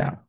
Yeah.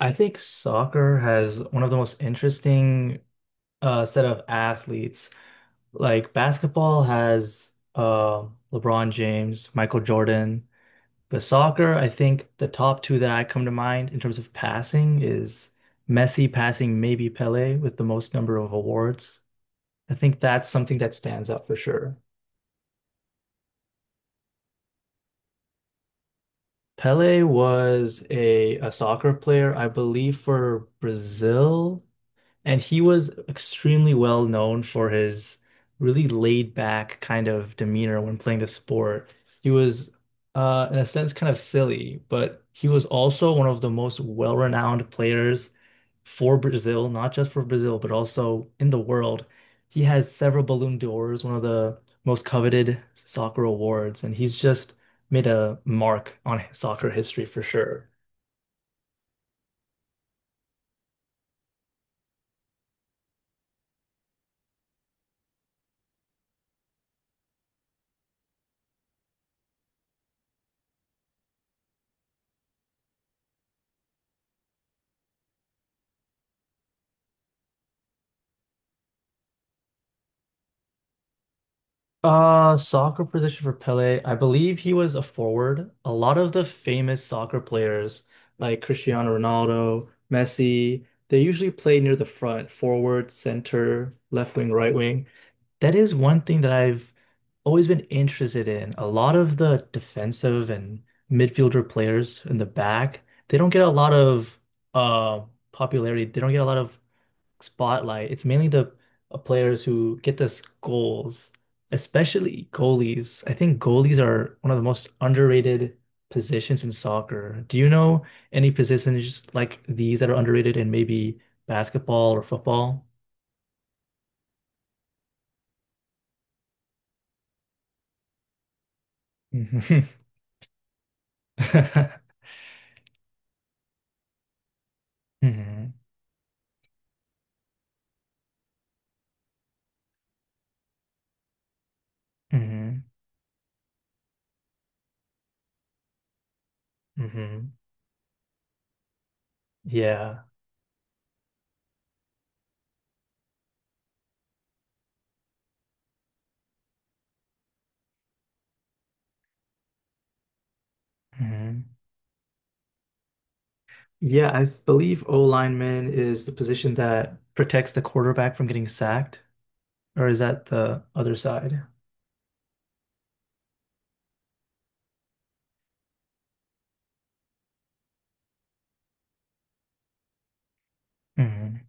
I think soccer has one of the most interesting set of athletes. Like basketball has LeBron James, Michael Jordan. But soccer, I think the top two that I come to mind in terms of passing is Messi passing maybe Pele with the most number of awards. I think that's something that stands out for sure. Pele was a soccer player, I believe, for Brazil. And he was extremely well known for his really laid back kind of demeanor when playing the sport. He was, in a sense, kind of silly, but he was also one of the most well-renowned players for Brazil, not just for Brazil, but also in the world. He has several Ballon d'Ors, one of the most coveted soccer awards, and he's just made a mark on soccer history for sure. Soccer position for Pele. I believe he was a forward. A lot of the famous soccer players, like Cristiano Ronaldo, Messi, they usually play near the front, forward, center, left wing, right wing. That is one thing that I've always been interested in. A lot of the defensive and midfielder players in the back, they don't get a lot of uh popularity. They don't get a lot of spotlight. It's mainly the players who get us goals, especially goalies. I think goalies are one of the most underrated positions in soccer. Do you know any positions like these that are underrated in maybe basketball or football? Mhm. Mhm. Mhm. Mhm. Yeah. Mhm. Yeah, I believe O lineman is the position that protects the quarterback from getting sacked, or is that the other side? Mhm.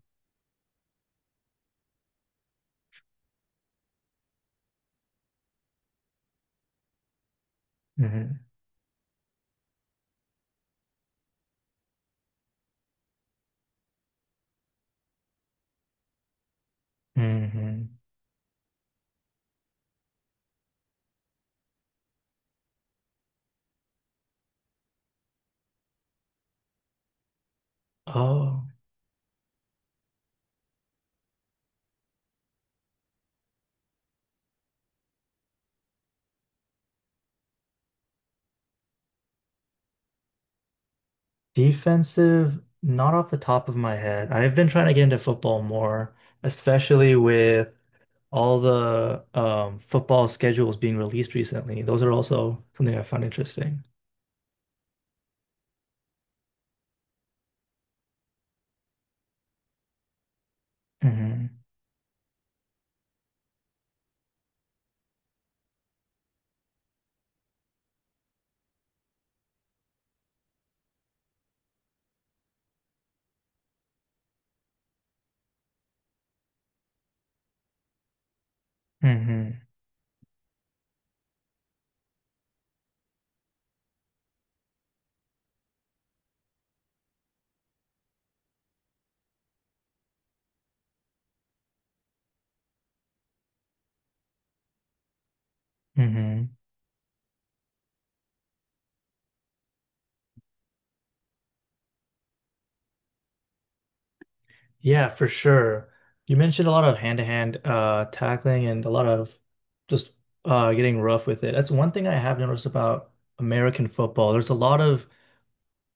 Mhm. Hmm. Oh, defensive, not off the top of my head. I've been trying to get into football more, especially with all the football schedules being released recently. Those are also something I found interesting. Hmm. Hmm. Hmm. Yeah, for sure. You mentioned a lot of hand-to-hand tackling and a lot of just getting rough with it. That's one thing I have noticed about American football. There's a lot of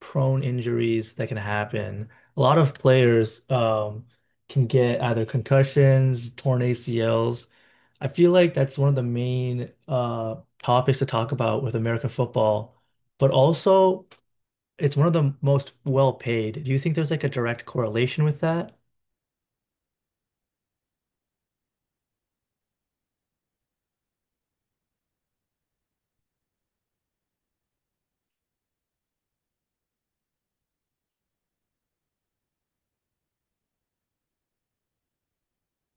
prone injuries that can happen. A lot of players can get either concussions, torn ACLs. I feel like that's one of the main topics to talk about with American football, but also it's one of the most well paid. Do you think there's like a direct correlation with that?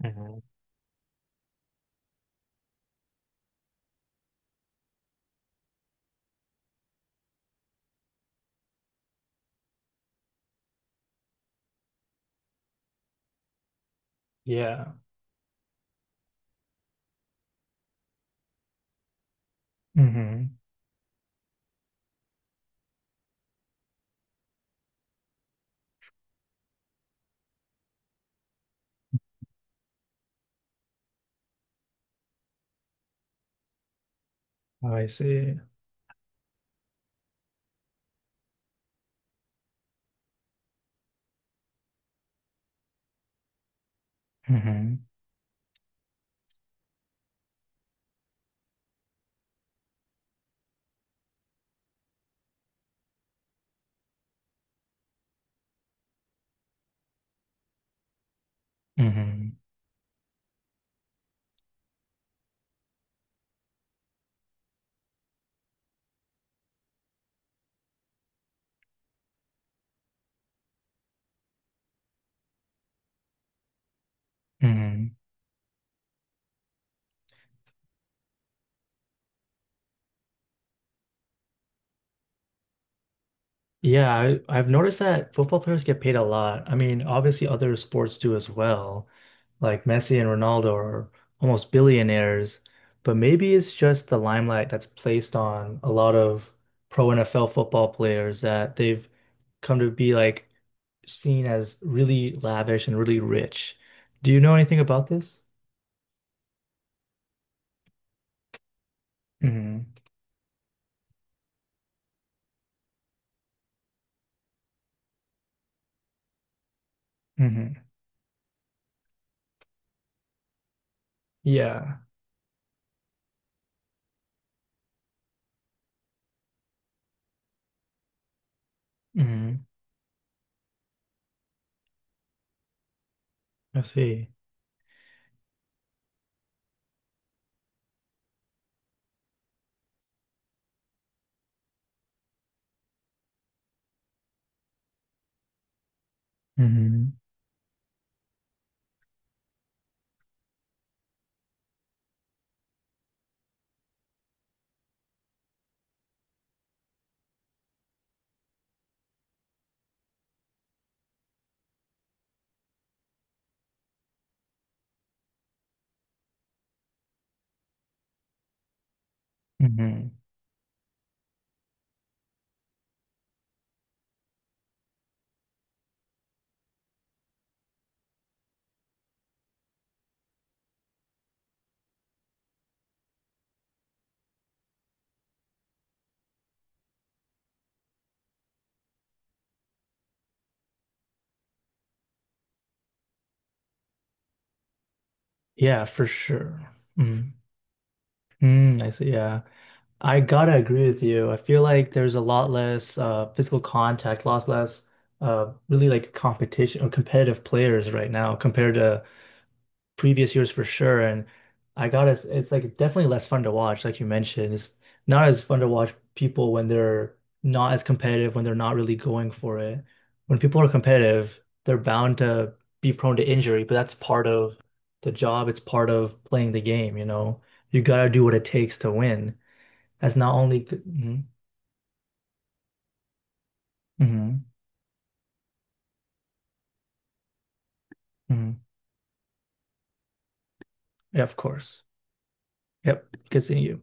Mhm. Yeah. Hmm. Oh, I see. Hmm. Hmm. Hmm. Yeah, I've noticed that football players get paid a lot. I mean, obviously other sports do as well. Like Messi and Ronaldo are almost billionaires, but maybe it's just the limelight that's placed on a lot of pro NFL football players that they've come to be like seen as really lavish and really rich. Do you know anything about this? Hmm. Hmm. Yeah. Hmm. I see. Hmm. Hmm. Yeah, for sure. Mm. Mm, I see. Yeah. I gotta agree with you. I feel like there's a lot less physical contact, a less really like competition or competitive players right now compared to previous years for sure. And it's like definitely less fun to watch, like you mentioned. It's not as fun to watch people when they're not as competitive, when they're not really going for it. When people are competitive, they're bound to be prone to injury, but that's part of the job. It's part of playing the game, you know. You gotta do what it takes to win. As not only good. Mm-hmm, mm-hmm, mm-hmm. Yeah, of course. Yep. Good seeing you.